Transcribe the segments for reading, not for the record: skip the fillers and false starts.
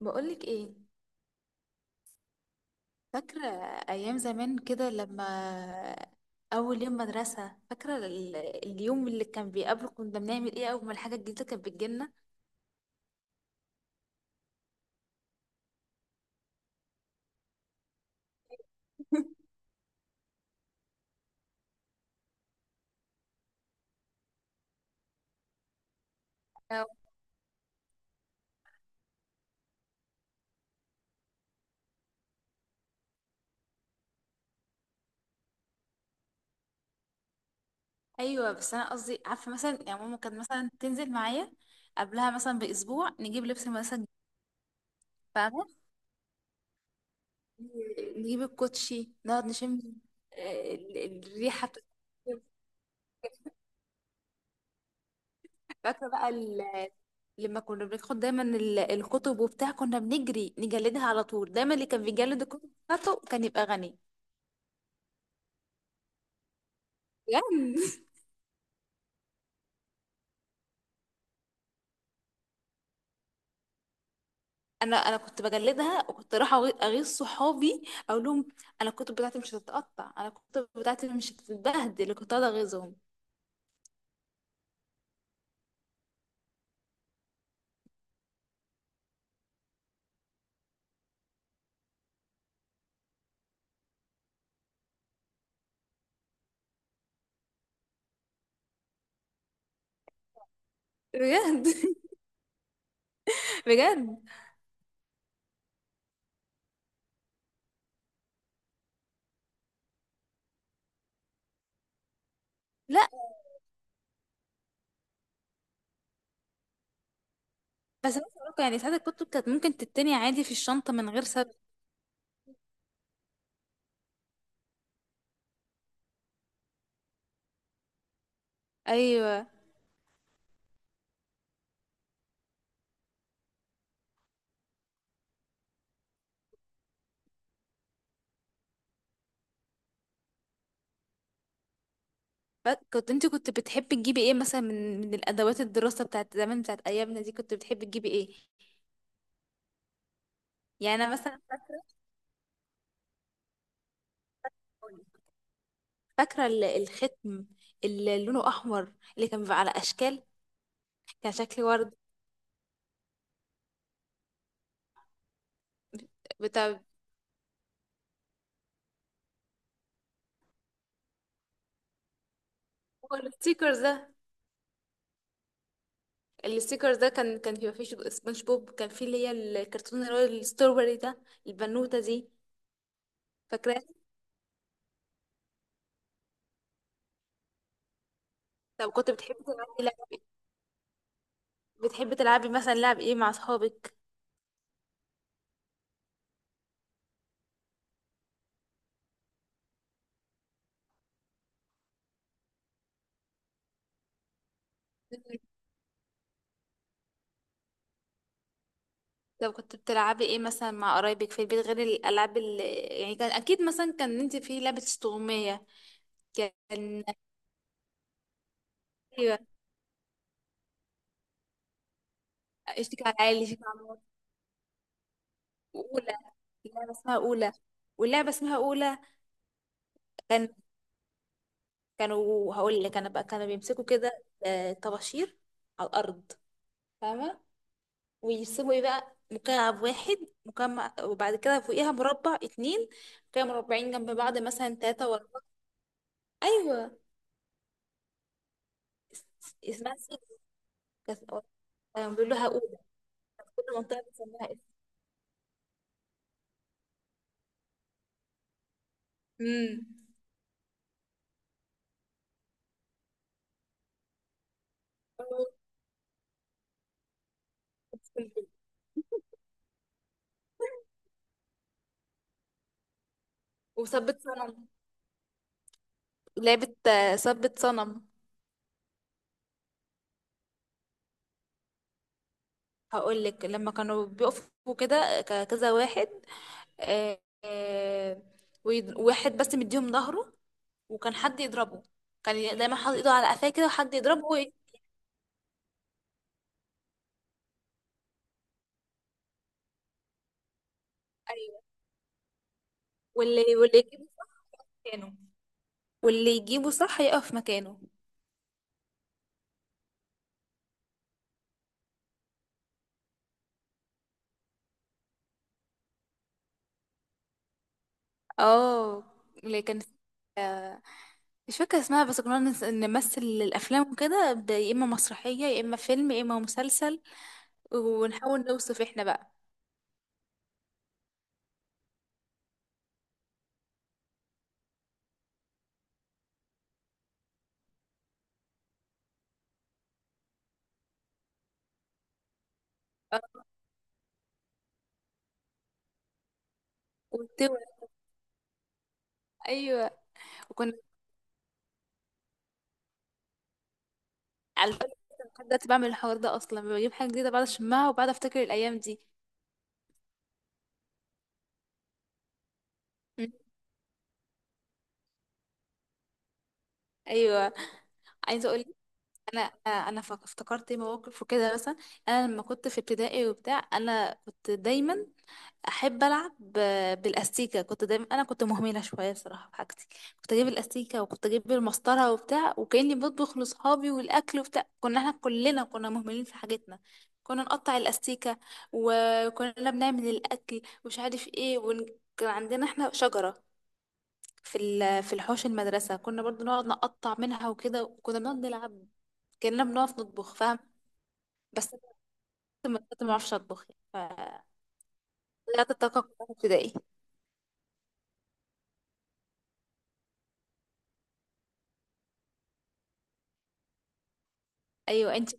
بقولك ايه؟ فاكرة ايام زمان كده لما اول يوم مدرسة، فاكرة اليوم اللي كان بيقابله، كنا بنعمل ايه اول ما الحاجة الجديدة كانت بتجيلنا؟ أو. ايوه، بس انا قصدي عارفة، مثلا يعني ماما كانت مثلا تنزل معايا قبلها مثلا باسبوع، نجيب لبس المدرسة الجديد، فاهمة، نجيب الكوتشي، نقعد نشم. آه، ال- الريحة فاكرة بقى لما كنا بناخد دايما الكتب وبتاع، كنا بنجري نجلدها على طول. دايما اللي كان بيجلد الكتب بتاعته كان يبقى غني. بجد. انا كنت بجلدها، وكنت رايحه اغيظ صحابي، اقول لهم انا الكتب بتاعتي مش هتتقطع، انا الكتب بتاعتي مش هتتبهدل، كنت قاعده اغيظهم. بجد. بجد. لا، بس أنا بصراحة يعني ساعات الكتب كانت ممكن تتني عادي في الشنطه من غير سبب. ايوه. كنت انت كنت بتحبي تجيبي ايه مثلا، من الادوات الدراسه بتاعت زمان بتاعت ايامنا دي، كنت بتحبي تجيبي ايه؟ يعني انا مثلا فاكرة الختم اللي لونه أحمر اللي كان بيبقى على أشكال، كان شكل ورد بتاع. هو الستيكرز ده، الستيكرز ده كان بيبقى فيه سبونج بوب، كان فيه اللي هي الكرتون اللي هو الستروبري ده، البنوتة دي. فاكراه. طب كنت بتحبي تلعبي لعب إيه؟ بتحبي تلعبي مثلا لعب ايه مع أصحابك؟ طب كنت بتلعبي ايه مثلا مع قرايبك في البيت، غير الألعاب اللي، يعني كان أكيد مثلا، كان انت في لعبة استغماية كان. أيوة. اشتكي على العيال، اشتكي على اولى، اللعبه اسمها اولى، واللعبه اسمها اولى. كان كانوا هقول لك انا بقى، كانوا بيمسكوا كده، طباشير على الارض، فاهمه، ويرسموا ايه بقى، مكعب واحد، مكعب، وبعد كده فوقيها مربع اتنين، كانوا مربعين جنب بعض، مثلا تلاتة واربعة. ايوه. اس- اسمها سيف. كانت. كانوا بيقولوا لها اولى، كل منطقه بتسميها اسم. امم وثبت صنم، لعبه، ثبت صنم. هقول لك، لما كانوا بيقفوا كده كذا واحد، آه، آه، واحد بس مديهم ظهره، وكان حد يضربه، كان دايما حاطط ايده على قفاه كده، وحد يضربه ايوه. واللي يجيبه في مكانه، واللي يجيبه صح يقف في مكانه. اه. اللي كان، آه، مش فاكرة اسمها، بس كنا نمثل الأفلام وكده، يا إما مسرحية يا إما فيلم يا إما مسلسل، ونحاول نوصف احنا بقى. آه، والتوأ. أيوة. وكنا على فكرة لحد دلوقتي بعمل الحوار ده، اصلا بجيب حاجه جديده بعد اشمها، وبعد افتكر الايام دي. مم. ايوه. عايزه اقول لك، انا انا افتكرت إيه مواقف وكده. مثلا انا لما كنت في ابتدائي وبتاع، انا كنت دايما احب العب بالاستيكه. كنت دايما، انا كنت مهمله شويه بصراحه في حاجتي، كنت اجيب الاستيكه، وكنت اجيب المسطره وبتاع، وكاني بطبخ لاصحابي والاكل وبتاع. كنا احنا كلنا كنا مهملين في حاجتنا، كنا نقطع الاستيكه، وكنا بنعمل الاكل، ومش عارف ايه ون... كان عندنا احنا شجره في ال... في الحوش المدرسه، كنا برضو نقعد نقطع منها وكده، وكنا بنقعد نلعب كاننا بنقف نطبخ، فاهم؟ بس انا كنت ما كنت ما بعرفش اطبخ يعني. ف طلعت الطاقه كلها في ابتدائي. ايوه انت.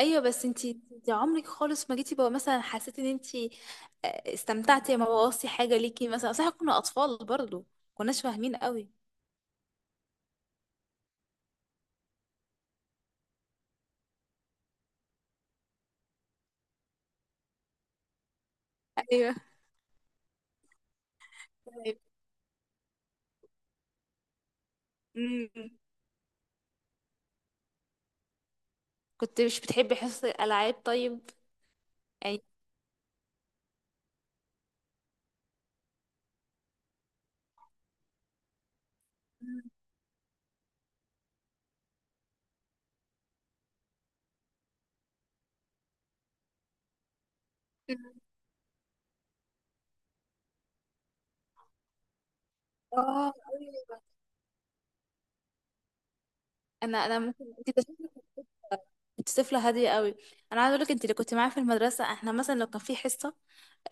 ايوه، بس انتي عمرك خالص ما جيتي بقى، مثلا حسيتي ان انتي، استمتعتي لما بوظتي حاجه ليكي مثلا؟ صح كنا اطفال برضو، كناش فاهمين قوي. ايوه. طيب. مم. كنت مش بتحبي حصص الالعاب طيب؟ يعني. مم. اه ايوه. انا انا ممكن انت كنت طفله هاديه قوي. انا عايزه اقول لك، انت اللي كنت معايا في المدرسه، احنا مثلا لو كان في حصه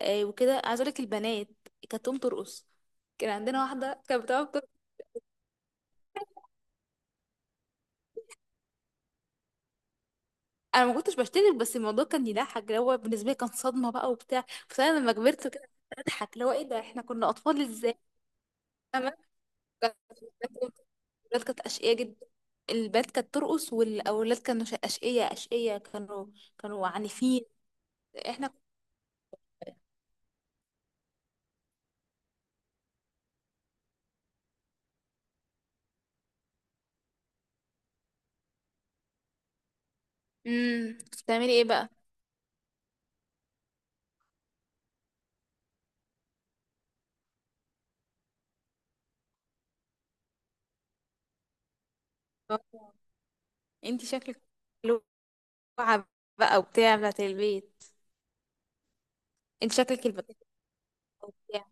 وكده، عايزه اقول لك، البنات كانت تقوم ترقص، كان عندنا واحده كانت بتقعد. انا ما كنتش بشترك، بس الموضوع كان يضحك، اللي هو بالنسبه لي كان صدمه بقى وبتاع، بس انا لما كبرت كده اضحك، اللي هو ايه ده، احنا كنا اطفال ازاي؟ فاهمة؟ كانت الولاد كانت اشقيه جدا. البنات كانت ترقص والاولاد كانوا اشقيه اشقيه كانوا، كانوا عنيفين. احنا. بتعملي ايه بقى؟ آه. انتي شكلك لوعه بقى وبتاع بتاعت البيت. انت شكلك البنات وبتاع.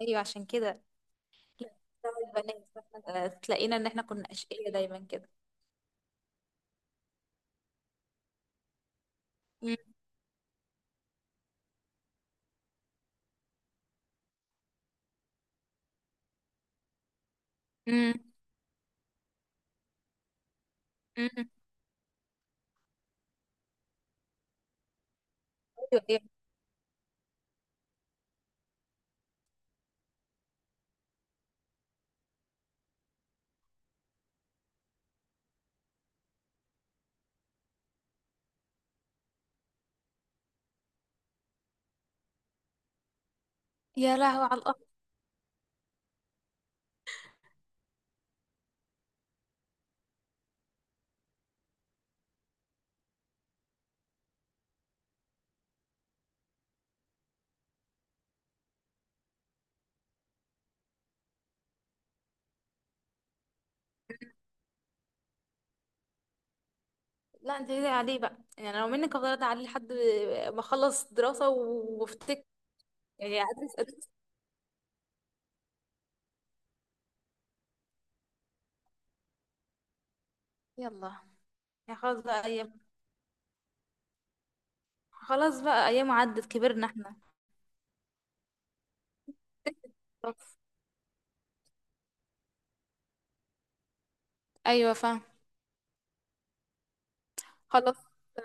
ايوه، عشان كده. لا، بتاع البنات، تلاقينا ان احنا كنا اشقيه دايما كده. مم. مم. ايوه. ايوه. يا لهوي على القهر. لا، انت كده عليه بقى، يعني لو منك افضل عليه لحد ما اخلص دراسة وافتك. يعني ادرس ادرس. يلا. يا خلاص بقى ايام، خلاص بقى ايام عدت، كبرنا احنا. خلاص. ايوه. فاهم. خلاص.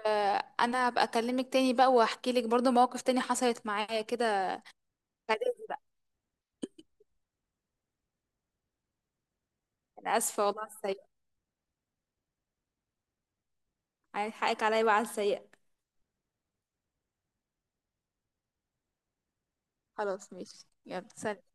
انا هبقى اكلمك تاني بقى، واحكي لك برضو مواقف تاني حصلت معايا كده. خليجي بقى. انا اسفه والله على السيئه. هحقك عليا بقى على السيئه. خلاص ماشي، يلا سلام.